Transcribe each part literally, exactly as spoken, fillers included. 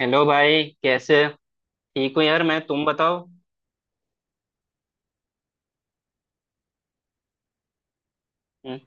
Hello भाई कैसे। ठीक हूँ यार, मैं तुम बताओ। हम्म।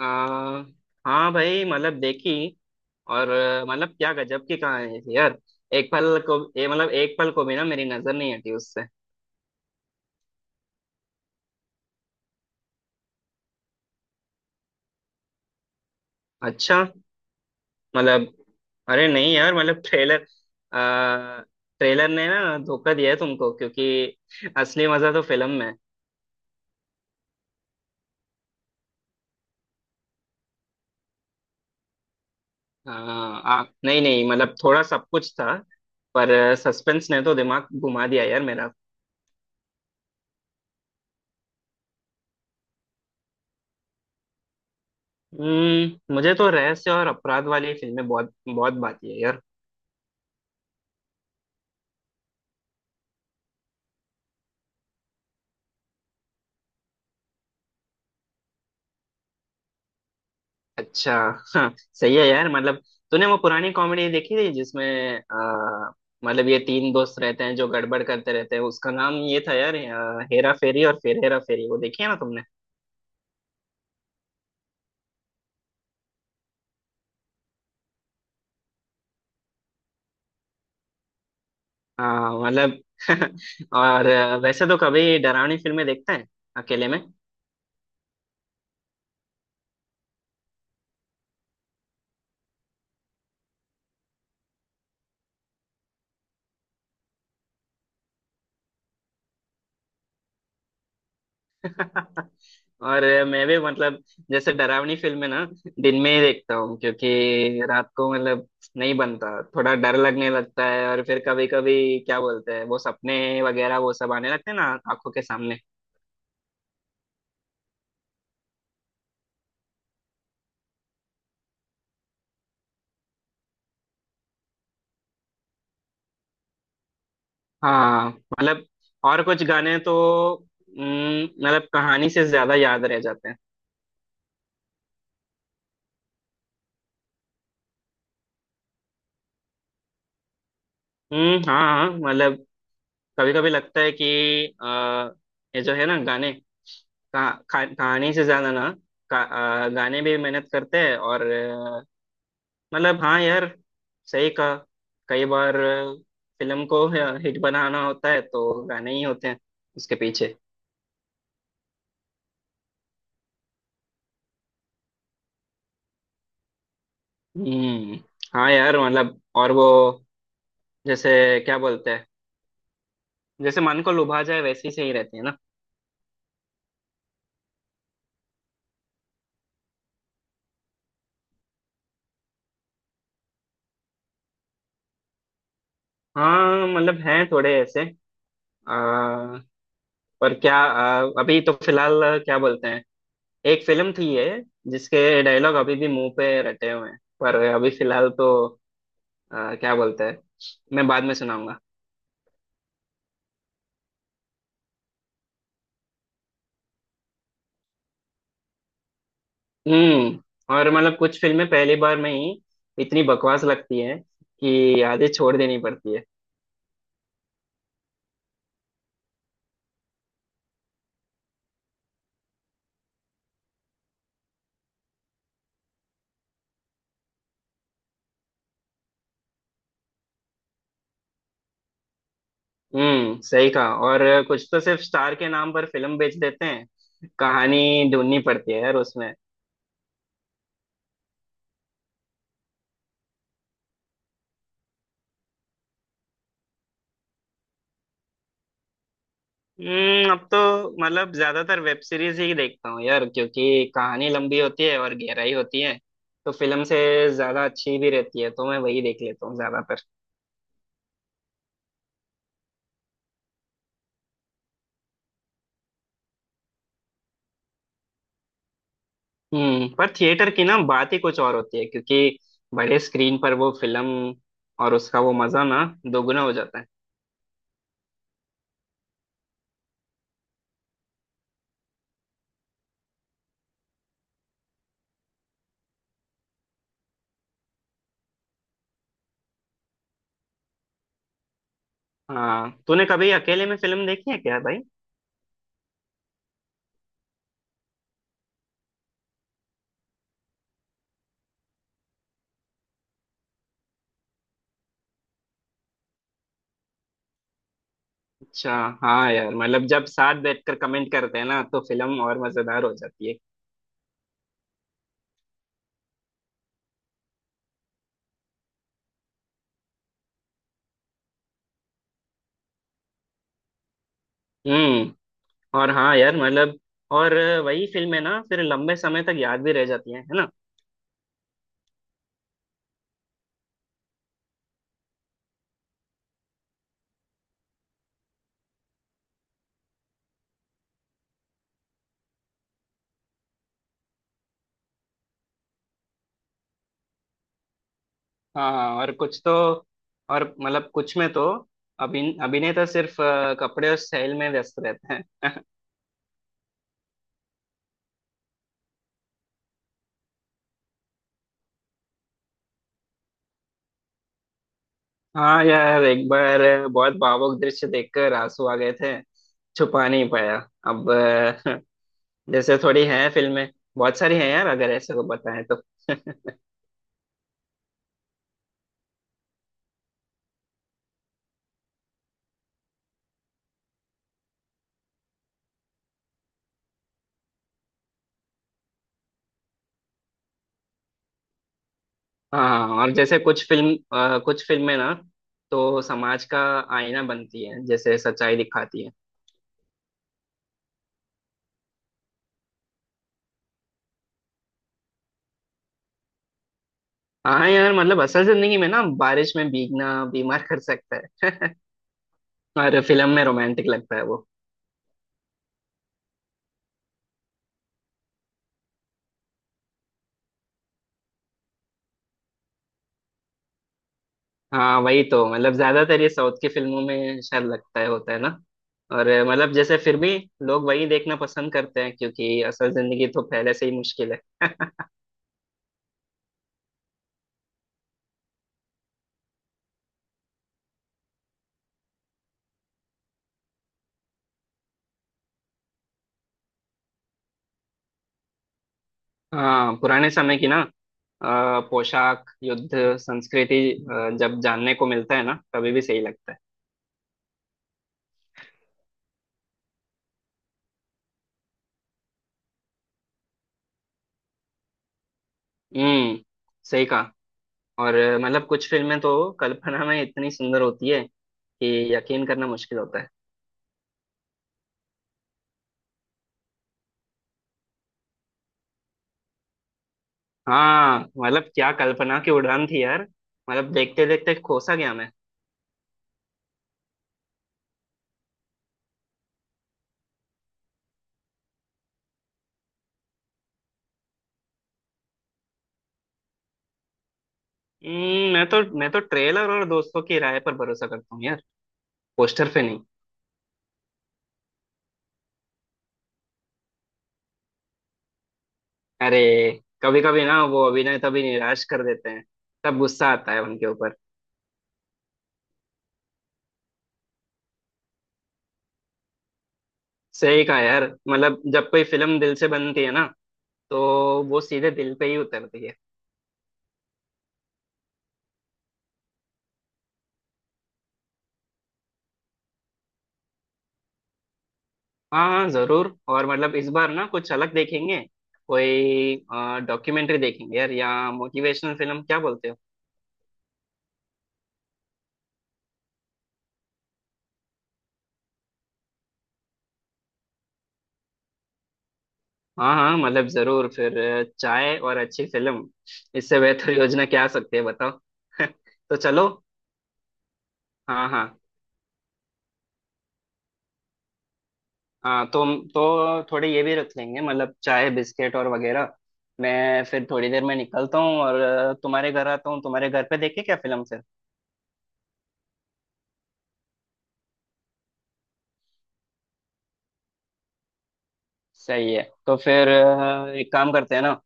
आ, हाँ भाई मतलब देखी। और अ, मतलब क्या गजब की कहानी थी यार। एक पल को ये मतलब एक पल को भी ना मेरी नजर नहीं हटी उससे। अच्छा। मतलब, अरे नहीं यार मतलब ट्रेलर आ, ट्रेलर ने ना धोखा दिया है तुमको क्योंकि असली मजा तो फिल्म में है। आ, आ, नहीं नहीं, मतलब थोड़ा सब कुछ था पर सस्पेंस ने तो दिमाग घुमा दिया यार मेरा। हम्म मुझे तो रहस्य और अपराध वाली फिल्में बहुत बहुत भाती है यार। अच्छा। हाँ, सही है यार मतलब, तूने वो पुरानी कॉमेडी देखी थी जिसमें आ, मतलब ये तीन दोस्त रहते हैं जो गड़बड़ करते रहते हैं। उसका नाम ये था यार, अ, हेरा फेरी, और फिर हेरा फेरी वो देखी है ना तुमने। हाँ मतलब। और अ, वैसे तो कभी डरावनी फिल्में देखते हैं अकेले में? और मैं भी मतलब, जैसे डरावनी फिल्में ना दिन में ही देखता हूँ क्योंकि रात को मतलब नहीं बनता। थोड़ा डर लगने लगता है और फिर कभी कभी क्या बोलते हैं वो सपने वगैरह वो सब आने लगते हैं ना, आंखों के सामने। हाँ मतलब, और कुछ गाने तो हम्म, मतलब कहानी से ज्यादा याद रह जाते हैं। हम्म। हाँ हाँ, मतलब कभी कभी लगता है कि आ, ये जो है ना गाने, कहा, कहा- कहानी से ज्यादा ना का, अ, गाने भी मेहनत करते हैं। और मतलब हाँ यार, सही कहा। कई बार फिल्म को हिट बनाना होता है तो गाने ही होते हैं उसके पीछे। हम्म। हाँ यार मतलब, और वो जैसे क्या बोलते हैं, जैसे मन को लुभा जाए वैसी सही रहती है ना। हाँ मतलब, हैं थोड़े ऐसे आ, पर क्या, आ, अभी तो फिलहाल आ, क्या बोलते हैं, एक फिल्म थी ये जिसके डायलॉग अभी भी मुंह पे रटे हुए हैं पर अभी फिलहाल तो आ, क्या बोलते हैं, मैं बाद में सुनाऊंगा। हम्म और मतलब कुछ फिल्में पहली बार में ही इतनी बकवास लगती है कि आधे छोड़ देनी पड़ती है। हम्म। सही कहा। और कुछ तो सिर्फ स्टार के नाम पर फिल्म बेच देते हैं, कहानी ढूंढनी पड़ती है यार उसमें। हम्म अब तो मतलब ज्यादातर वेब सीरीज ही देखता हूँ यार क्योंकि कहानी लंबी होती है और गहराई होती है, तो फिल्म से ज्यादा अच्छी भी रहती है तो मैं वही देख लेता हूँ ज्यादा। हम्म पर थिएटर की ना बात ही कुछ और होती है क्योंकि बड़े स्क्रीन पर वो फिल्म और उसका वो मजा ना दोगुना हो जाता है। हाँ, तूने कभी अकेले में फिल्म देखी है क्या भाई? अच्छा। हाँ यार मतलब, जब साथ बैठकर कमेंट करते हैं ना तो फिल्म और मजेदार हो जाती है। हम्म। और हाँ यार मतलब, और वही फिल्में ना फिर लंबे समय तक याद भी रह जाती हैं, है ना। हाँ हाँ, और कुछ तो, और मतलब कुछ में तो अभिन अभिनेता सिर्फ अ, कपड़े और स्टाइल में व्यस्त रहते हैं। हाँ यार, एक बार बहुत भावुक दृश्य देखकर आंसू आ गए थे, छुपा नहीं पाया। अब अ, जैसे थोड़ी हैं फिल्में, बहुत सारी हैं यार अगर ऐसे को बताएं तो। हाँ, और जैसे कुछ फिल्म अ, कुछ फिल्में ना तो समाज का आईना बनती है, जैसे सच्चाई दिखाती है। हाँ यार मतलब, असल जिंदगी में ना बारिश में भीगना बीमार कर सकता है। और फिल्म में रोमांटिक लगता है वो। हाँ, वही तो, मतलब ज्यादातर ये साउथ की फिल्मों में शायद लगता है होता है ना। और अ, मतलब जैसे फिर भी लोग वही देखना पसंद करते हैं क्योंकि असल जिंदगी तो पहले से ही मुश्किल है। हाँ, पुराने समय की ना अ, पोशाक, युद्ध, संस्कृति, अ, जब जानने को मिलता है ना तभी भी सही लगता है। हम्म। सही कहा। और अ, मतलब कुछ फिल्में तो कल्पना में इतनी सुंदर होती है कि यकीन करना मुश्किल होता है। हाँ मतलब, क्या कल्पना की उड़ान थी यार, मतलब देखते देखते खो सा गया मैं। हम्म, मैं तो मैं तो ट्रेलर और दोस्तों की राय पर भरोसा करता हूँ यार, पोस्टर पे नहीं। अरे, कभी कभी ना वो अभिनय तभी निराश कर देते हैं, तब गुस्सा आता है उनके ऊपर। सही कहा यार मतलब, जब कोई फिल्म दिल से बनती है ना तो वो सीधे दिल पे ही उतरती है। हाँ हाँ, जरूर। और मतलब इस बार ना कुछ अलग देखेंगे, कोई डॉक्यूमेंट्री देखेंगे यार, या मोटिवेशनल फिल्म, क्या बोलते हो? हाँ हाँ मतलब जरूर। फिर अ, चाय और अच्छी फिल्म, इससे बेहतर योजना क्या आ सकती है बताओ? तो चलो। हाँ हाँ। हाँ तो तो थोड़े ये भी रख लेंगे, मतलब चाय, बिस्किट और वगैरह। मैं फिर थोड़ी देर में निकलता हूँ और अ, तुम्हारे घर आता हूँ, तुम्हारे घर पे देखे क्या फिल्म फिर। सही है। तो फिर अ, एक काम करते हैं ना।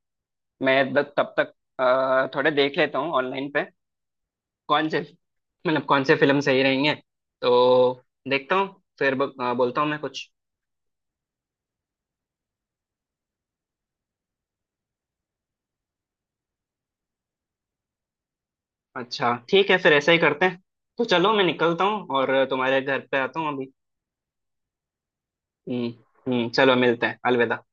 मैं ब- तब तक अ, थोड़े देख लेता हूँ ऑनलाइन पे, कौन से, मतलब कौन से फिल्म सही रहेंगे, तो देखता हूँ फिर ब- अ, बोलता हूँ मैं कुछ। अच्छा ठीक है, फिर ऐसा ही करते हैं। तो चलो, मैं निकलता हूँ और तुम्हारे घर पे आता हूँ अभी। हम्म। हम्म, चलो मिलते हैं, अलविदा।